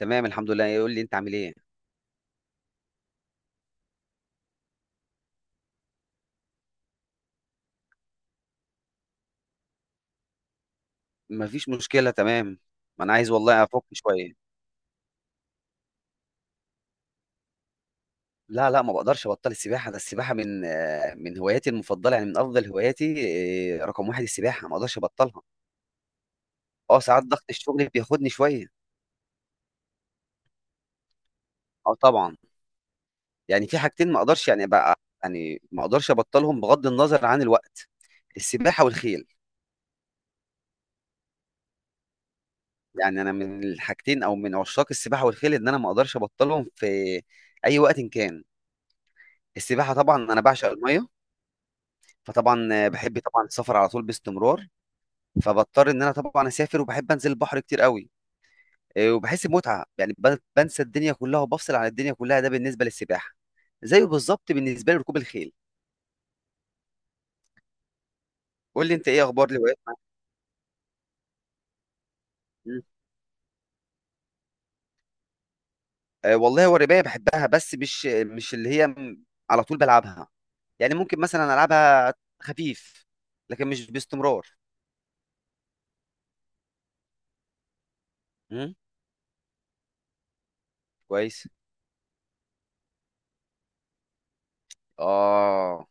تمام، الحمد لله. يقول لي انت عامل ايه؟ مفيش مشكله، تمام. ما انا عايز والله افك شويه. لا، لا، ما بقدرش ابطل السباحه. ده السباحه من هواياتي المفضله، يعني من افضل هواياتي. رقم واحد، السباحه ما اقدرش ابطلها. اه، ساعات ضغط الشغل بياخدني شويه. اه، طبعا. يعني في حاجتين ما اقدرش، يعني، بقى. يعني ما اقدرش ابطلهم بغض النظر عن الوقت. السباحه والخيل. يعني انا من الحاجتين، او من عشاق السباحه والخيل، ان انا ما اقدرش ابطلهم في اي وقت إن كان. السباحه طبعا انا بعشق الميه. فطبعا بحب طبعا السفر على طول، باستمرار. فبضطر ان انا طبعا اسافر، وبحب انزل البحر كتير قوي. إيه، وبحس بمتعه، يعني بنسى الدنيا كلها وبفصل عن الدنيا كلها. ده بالنسبه للسباحه. زيه بالظبط بالنسبه لركوب الخيل. قول لي انت ايه اخبار الهوايات؟ مم. والله هو الرمايه بحبها، بس مش اللي هي على طول بلعبها. يعني ممكن مثلا العبها خفيف. لكن مش باستمرار. مم. كويس. اه،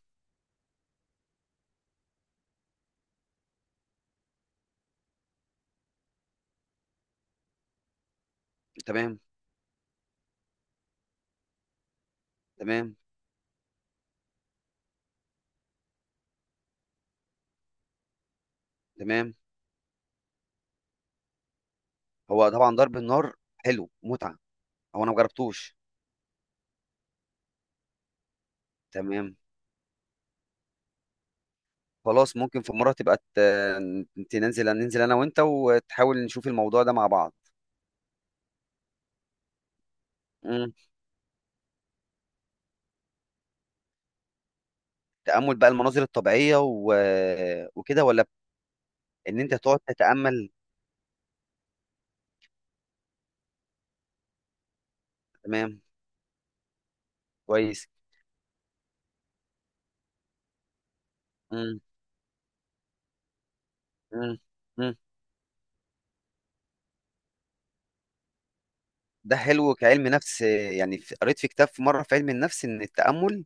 تمام، تمام، تمام. هو طبعا ضرب النار حلو، متعه. هو انا مجربتوش. تمام. خلاص، ممكن في مره تبقى ننزل انا وانت، وتحاول نشوف الموضوع ده مع بعض. مم. تامل بقى المناظر الطبيعيه وكده، ولا؟ ان انت تقعد تتامل؟ تمام، كويس. مم. مم. مم. ده حلو، كعلم نفس. يعني قريت في كتاب في مره في علم النفس ان التامل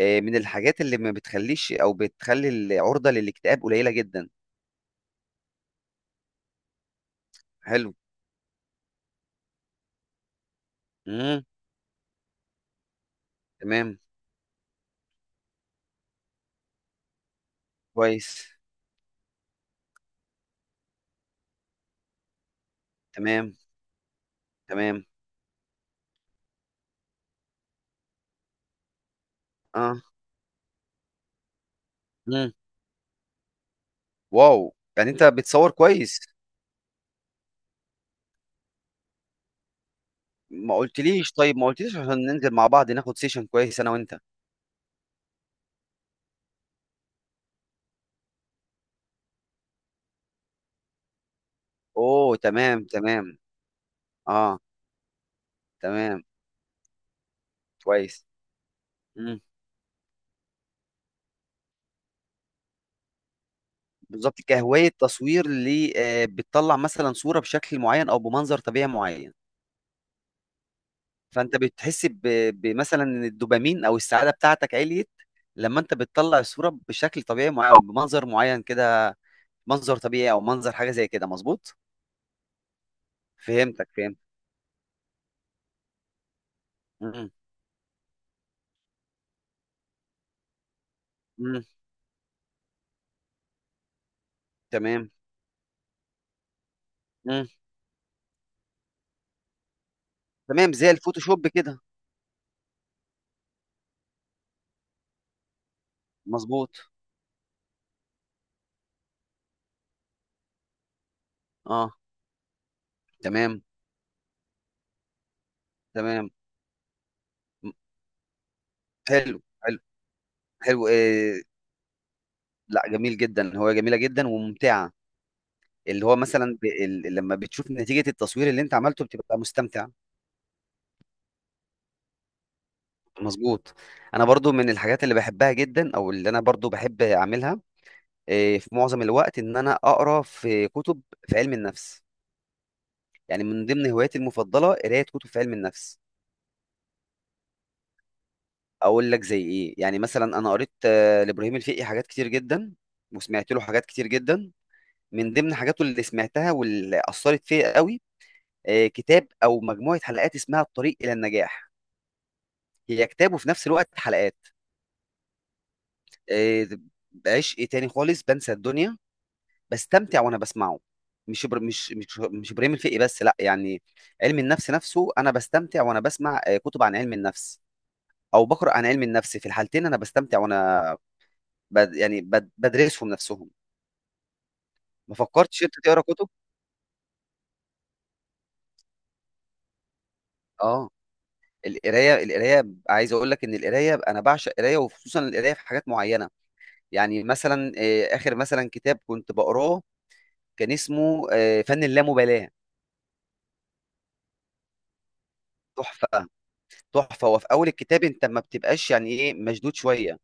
من الحاجات اللي ما بتخليش او بتخلي العرضه للاكتئاب قليله جدا. حلو. مم. تمام، كويس، تمام، تمام. اه. مم. واو، يعني انت بتصور كويس. ما قلتليش، طيب ما قلتليش عشان ننزل مع بعض ناخد سيشن كويس انا وانت. اوه، تمام، تمام. اه، تمام، كويس. مم. بالظبط، كهواية تصوير اللي بتطلع مثلا صورة بشكل معين او بمنظر طبيعي معين. فانت بتحس بمثلا ان الدوبامين او السعادة بتاعتك عليت. لما انت بتطلع الصورة بشكل طبيعي معين او بمنظر معين كده. منظر طبيعي او منظر حاجة زي كده، مظبوط. فهمتك، فهمت. مم. مم. تمام. مم. تمام، زي الفوتوشوب كده. مظبوط. اه، تمام، تمام. م- حلو، حلو. حلو، إيه. لا، جميل جدا، هو جميله جدا وممتعه. اللي هو مثلا لما بتشوف نتيجه التصوير اللي انت عملته بتبقى مستمتع. مظبوط. انا برضو من الحاجات اللي بحبها جدا، او اللي انا برضو بحب اعملها. إيه، في معظم الوقت ان انا اقرا في كتب. في علم النفس. يعني من ضمن هواياتي المفضله قرايه كتب في علم النفس. اقول لك زي ايه. يعني مثلا انا قريت لابراهيم الفقي حاجات كتير جدا. وسمعت له حاجات كتير جدا. من ضمن حاجاته اللي سمعتها واللي اثرت فيا قوي، كتاب او مجموعه حلقات اسمها الطريق الى النجاح. هي كتاب وفي نفس الوقت حلقات. آه، بعشق تاني خالص، بنسى الدنيا. بستمتع وانا بسمعه. مش ابراهيم الفقي بس، لا يعني. علم النفس نفسه انا بستمتع وانا بسمع كتب عن علم النفس. او بقرا عن علم النفس، في الحالتين انا بستمتع، وانا يعني بدرسهم نفسهم. ما فكرتش أنت تقرا كتب؟ آه، القراية، القراية. عايز أقول لك إن القراية أنا باعشق القراية، وخصوصًا القراية في حاجات معينة. يعني مثلًا، آخر مثلًا كتاب كنت باقراه، كان اسمه فن اللامبالاة. تحفة. تحفة. هو في أول الكتاب أنت ما بتبقاش، يعني إيه، مشدود شوية،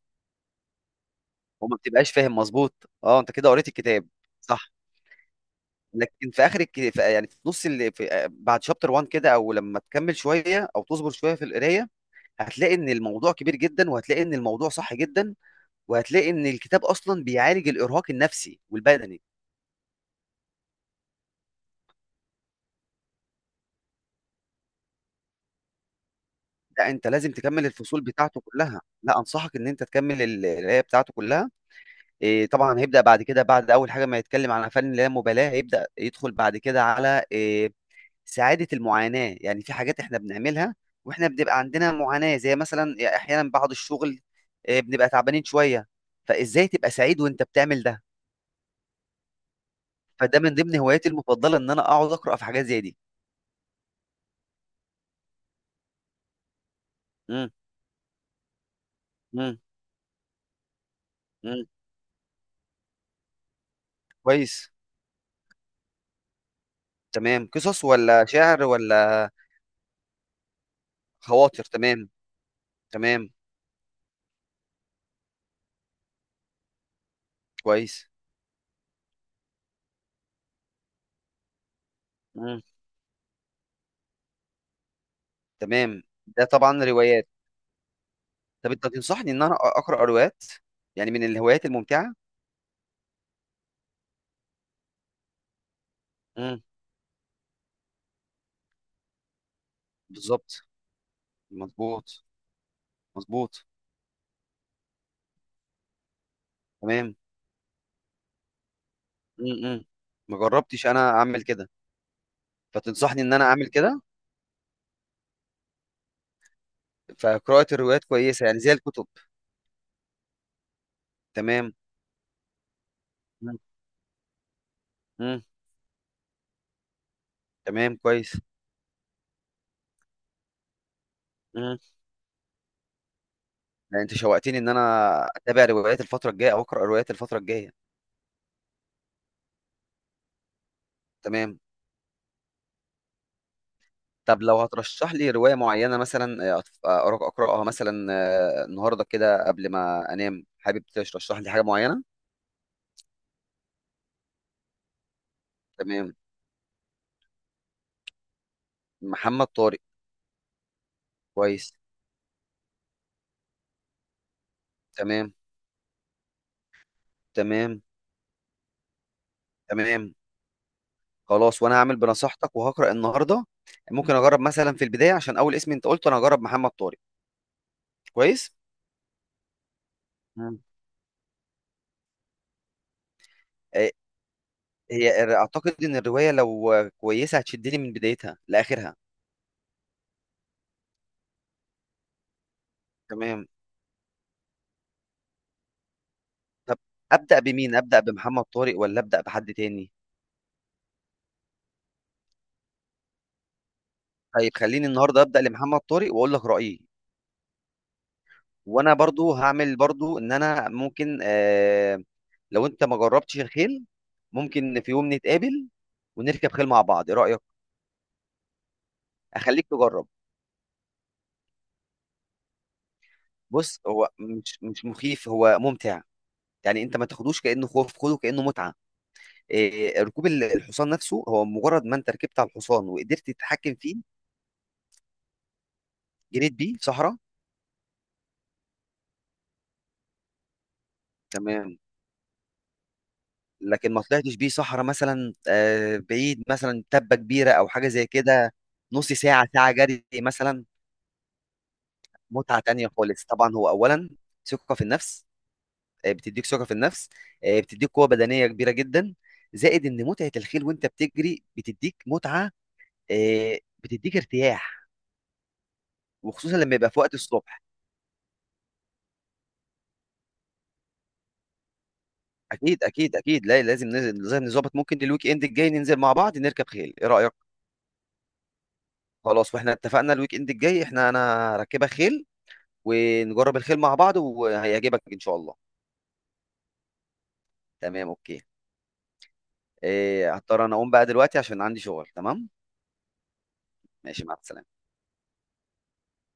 وما بتبقاش فاهم، مضبوط. أنت كده قريت الكتاب، صح؟ لكن في آخر في، يعني في نُص في، بعد chapter 1 كده، أو لمّا تكمل شوية أو تصبر شوية في القراية، هتلاقي إن الموضوع كبير جدًا، وهتلاقي إن الموضوع صح جدًا، وهتلاقي إن الكتاب أصلًا بيعالج الإرهاق النفسي والبدني. لأ، أنت لازم تكمّل الفصول بتاعته كلّها. لأ، أنصحك إن أنت تكمّل القراية بتاعته كلّها. طبعًا هيبدأ بعد كده، بعد أول حاجة ما يتكلّم عن فن اللامبالاة، هيبدأ يدخل بعد كده على سعادة المعاناة. يعني في حاجات إحنا بنعملها وإحنا بنبقى عندنا معاناة، زي مثلًا، أحيانًا بعد الشغل بنبقى تعبانين شوية. فإزاي تبقى سعيد وأنت بتعمل ده؟ فده من ضمن هواياتي المفضلة إن أنا أقعد أقرأ في حاجات زي دي. إمم، إمم، إمم. كويس. تمام، قصص ولا شعر ولا؟ خواطر، تمام، تمام، كويس. مم. تمام، ده طبعا روايات. طب انت تنصحني ان انا اقرا روايات؟ يعني من الهوايات الممتعه؟ مم. بالظبط. مظبوط، مظبوط، تمام. امم. ما جربتش انا اعمل كده. فتنصحني ان انا اعمل كده؟ فقراءه الروايات كويسه، يعني زي الكتب؟ تمام. مم. مم. تمام، كويس. مم. لا، انت شوقتني ان انا اتابع روايات الفتره الجايه، او اقرا روايات الفتره الجايه. تمام. طب لو هترشح لي رواية معينة مثلا، أقرأها مثلا النهاردة كده قبل ما أنام، حابب ترشح لي حاجة معينة؟ تمام. محمد طارق. كويس، تمام، تمام، تمام. خلاص، وأنا هعمل بنصيحتك وهقرأ النهاردة. ممكن أجرب مثلا في البداية، عشان أول اسم أنت قلته، أنا هجرب محمد طارق. كويس؟ مم. آه، هي أعتقد إن الرواية لو كويسة هتشدني من بدايتها لآخرها. تمام. طب أبدأ بمين؟ أبدأ بمحمد طارق ولا أبدأ بحد تاني؟ طيب، خليني النهارده ابدا لمحمد طارق، واقول لك رايي. وانا برضو هعمل برضو ان انا ممكن لو انت ما جربتش الخيل، ممكن في يوم نتقابل، ونركب خيل مع بعض. ايه رايك؟ اخليك تجرب. بص، هو مش مخيف، هو ممتع. يعني انت ما تاخدوش كانه خوف، خده كانه متعه. آه، ركوب الحصان نفسه، هو مجرد ما انت ركبت على الحصان وقدرت تتحكم فيه. جريت بيه في صحراء. تمام. لكن ما طلعتش بيه صحراء مثلا، بعيد، مثلا تبة كبيرة أو حاجة زي كده. نص ساعة، ساعة جري مثلا؟ متعة تانية خالص، طبعا، هو أولا، ثقة في النفس. بتديك ثقة في النفس. بتديك قوة بدنية كبيرة جدا. زائد إن متعة الخيل وأنت بتجري بتديك متعة. آه، بتديك ارتياح. وخصوصا لما يبقى في وقت الصبح. أكيد، أكيد، أكيد، لا لازم لازم نظبط. ممكن الويك إند الجاي ننزل مع بعض نركب خيل، إيه رأيك؟ خلاص، واحنا اتفقنا الويك إند الجاي احنا، أنا راكبة خيل، ونجرب الخيل مع بعض، وهيعجبك ان شاء الله. تمام، اوكي. إيه، هضطر انا اقوم بقى دلوقتي، عشان عندي شغل. تمام. ماشي، مع السلامة.